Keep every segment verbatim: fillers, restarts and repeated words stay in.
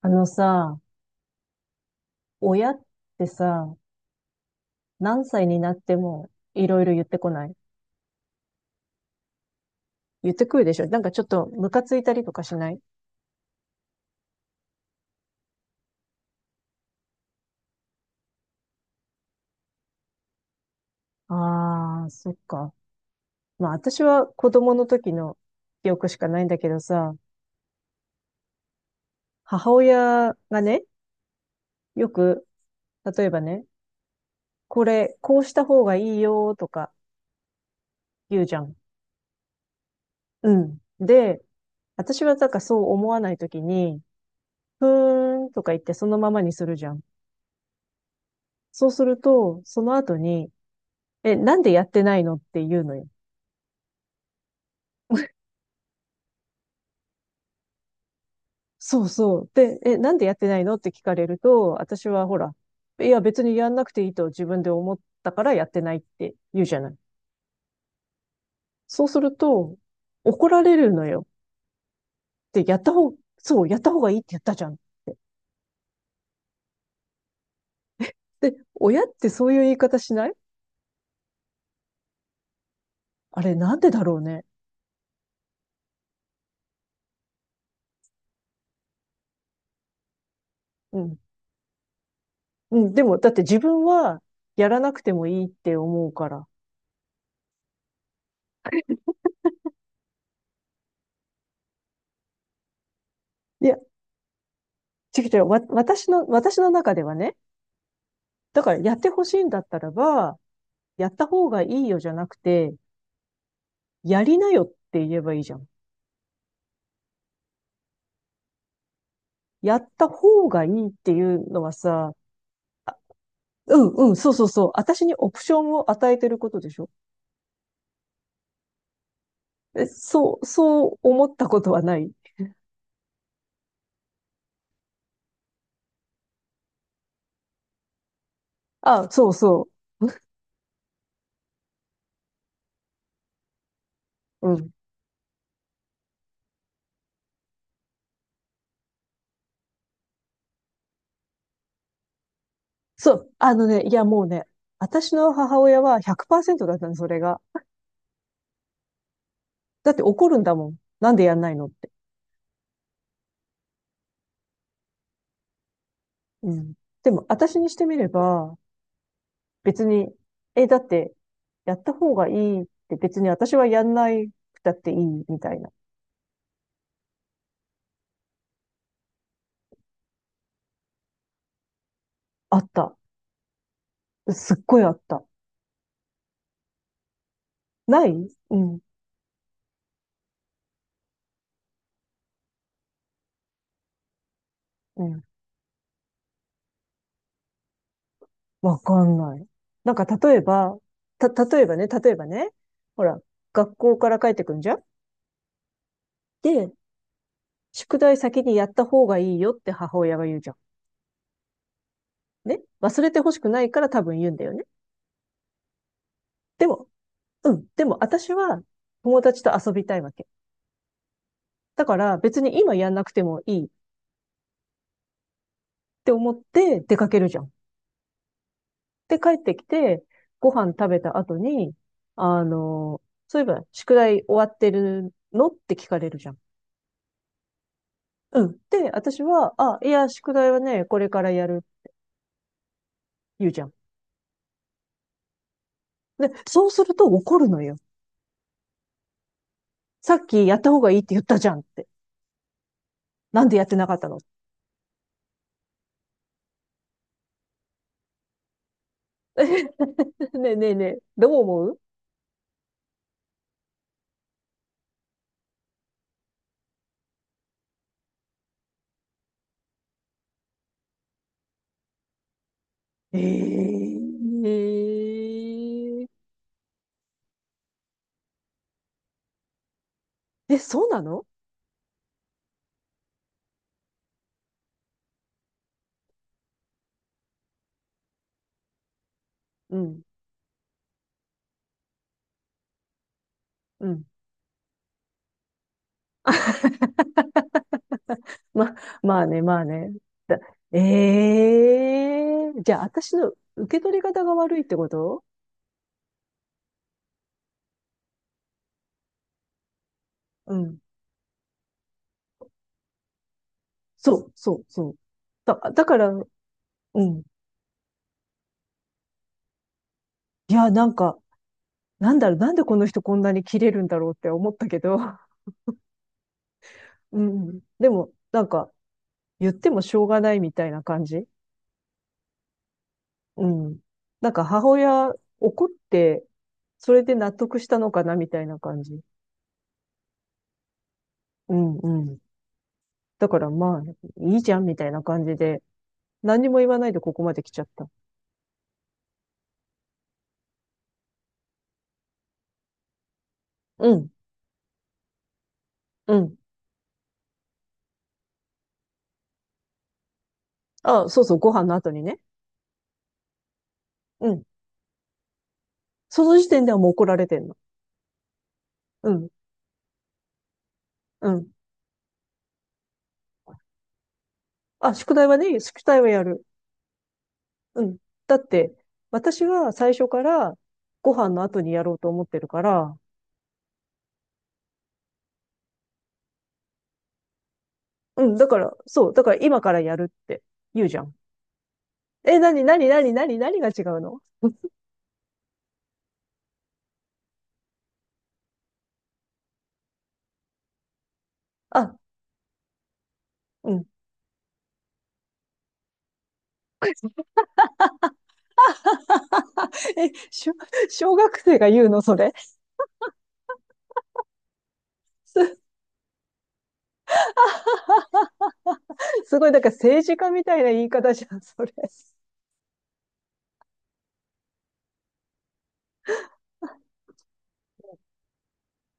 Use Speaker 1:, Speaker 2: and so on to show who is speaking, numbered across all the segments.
Speaker 1: あのさ、親ってさ、何歳になってもいろいろ言ってこない？言ってくるでしょ？なんかちょっとムカついたりとかしない？ああー、そっか。まあ私は子供の時の記憶しかないんだけどさ、母親がね、よく、例えばね、これ、こうした方がいいよとか言うじゃん。うん。で、私はなんかそう思わないときに、ふーんとか言ってそのままにするじゃん。そうすると、その後に、え、なんでやってないのって言うのよ。そうそう。で、え、なんでやってないのって聞かれると、私はほら、いや別にやんなくていいと自分で思ったからやってないって言うじゃない。そうすると、怒られるのよ。で、やった方、そう、やった方がいいってやったじゃん。で、親ってそういう言い方しない？あれなんでだろうね。うん。うん、でも、だって自分はやらなくてもいいって思うから。いや、違う違う、わ、私の、私の中ではね、だからやってほしいんだったらば、やった方がいいよじゃなくて、やりなよって言えばいいじゃん。やった方がいいっていうのはさ、うんうん、そうそうそう。私にオプションを与えてることでしょ？え、そう、そう思ったことはない？あ、そうそう。うん。そう。あのね、いやもうね、私の母親はひゃくパーセントだったの、それが。だって怒るんだもん。なんでやんないのって。うん。でも、私にしてみれば、別に、え、だって、やった方がいいって別に私はやんないくたっていいみたいな。あった。すっごいあった。ない。うん、うん。わかんない。なんか例えば、た、例えばね、例えばね、ほら、学校から帰ってくんじゃん。で、宿題先にやった方がいいよって母親が言うじゃん。ね。忘れてほしくないから多分言うんだよね。でも、うん。でも私は友達と遊びたいわけ。だから別に今やんなくてもいいって思って出かけるじゃん。で、帰ってきて、ご飯食べた後に、あの、そういえば、宿題終わってるのって聞かれるじゃん。うん。で、私は、あ、いや、宿題はね、これからやる、言うじゃん。で、そうすると怒るのよ。さっきやった方がいいって言ったじゃんって。なんでやってなかったの？ ねえねえねえ、どう思う？えええええ、そうなの？うん、うん。ま、まあね、まあね。だ、ええ、じゃあ私の受け取り方が悪いってこと？うん。そう、そう、そう。だ、だから、うん。いや、なんか、なんだろう、なんでこの人こんなに切れるんだろうって思ったけど、うん。でも、なんか、言ってもしょうがないみたいな感じ。うん。なんか母親怒って、それで納得したのかなみたいな感じ。うん、うん。だからまあ、いいじゃんみたいな感じで何にも言わないでここまで来ちゃった。うん。うん。あ、そうそう、ご飯の後にね。うん。その時点ではもう怒られてんの。うん。うん。あ、宿題はね、宿題はやる。うん。だって、私は最初からご飯の後にやろうと思ってるから、うん。だから、そう。だから今からやるって言うじゃん。え、なになになになに何が違うの？ あ、うん。え、しょ、小学生が言うのそれ？ す、ごい、だから政治家みたいな言い方じゃん、それ。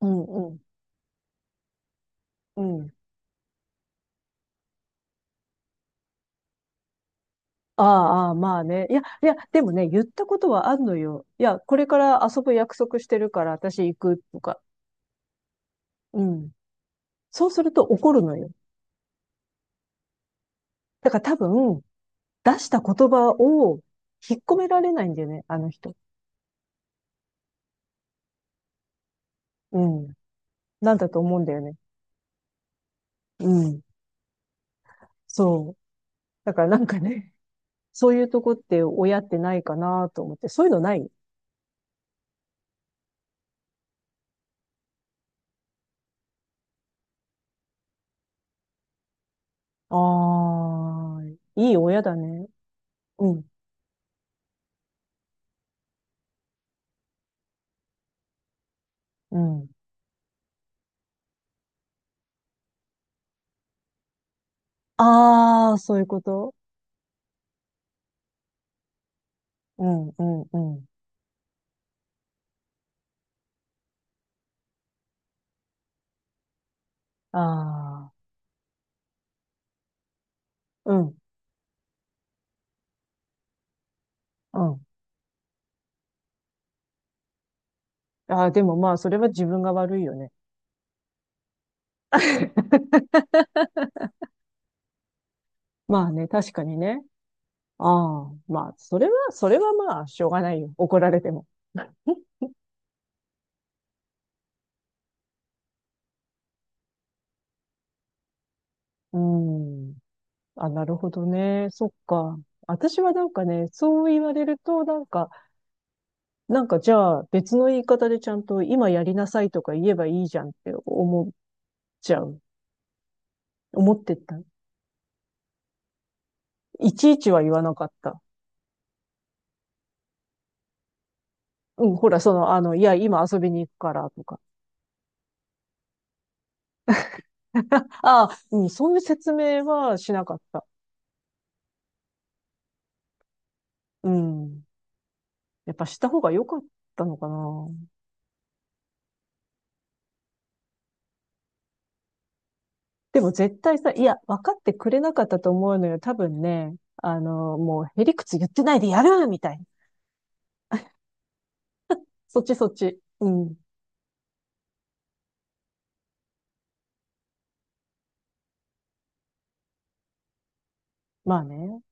Speaker 1: うん。うん。うん。ああ、まあね。いや、いや、でもね、言ったことはあんのよ。いや、これから遊ぶ約束してるから私行くとか。うん。そうすると怒るのよ。だから多分、出した言葉を引っ込められないんだよね、あの人。うん。なんだと思うんだよね。うん。そう。だからなんかね、そういうとこって親ってないかなと思って。そういうのない？ああー、いい親だね。うん。うん。ああ、そういうこと。うん、うん、うん。ああ。うん、うん。ああ、でもまあ、それは自分が悪いよね。まあね、確かにね。ああ、まあ、それは、それはまあ、しょうがないよ。怒られても。うん。あ、なるほどね。そっか。私はなんかね、そう言われると、なんか、なんかじゃあ別の言い方でちゃんと今やりなさいとか言えばいいじゃんって思っちゃう。思ってた。いちいちは言わなかった。うん、ほら、その、あの、いや、今遊びに行くからとか。ああ、うん、そういう説明はしなかった。うん。やっぱした方が良かったのかな。でも絶対さ、いや、分かってくれなかったと思うのよ。多分ね、あの、もう、へりくつ言ってないでやるみたいな。そっちそっち。うん。まあね。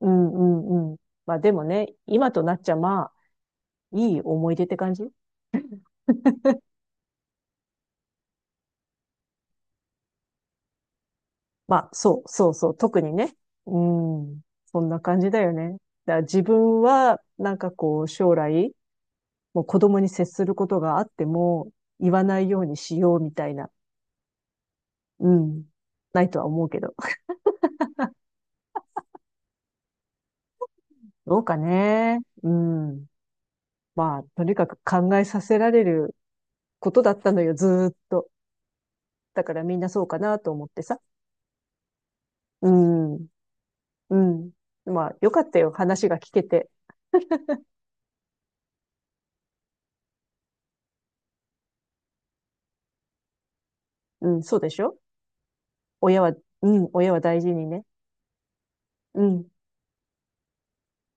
Speaker 1: うんうんうん。まあでもね、今となっちゃまあ、いい思い出って感じ。 まあ、そう、そうそう、特にね。うん。そんな感じだよね。だから自分は、なんかこう、将来、もう子供に接することがあっても、言わないようにしようみたいな。うん。ないとは思うけど。どうかね。うん。まあ、とにかく考えさせられることだったのよ、ずーっと。だからみんなそうかなと思ってさ。うん。うん。まあ、よかったよ、話が聞けて。うん、そうでしょ？親は、うん、親は大事にね。うん。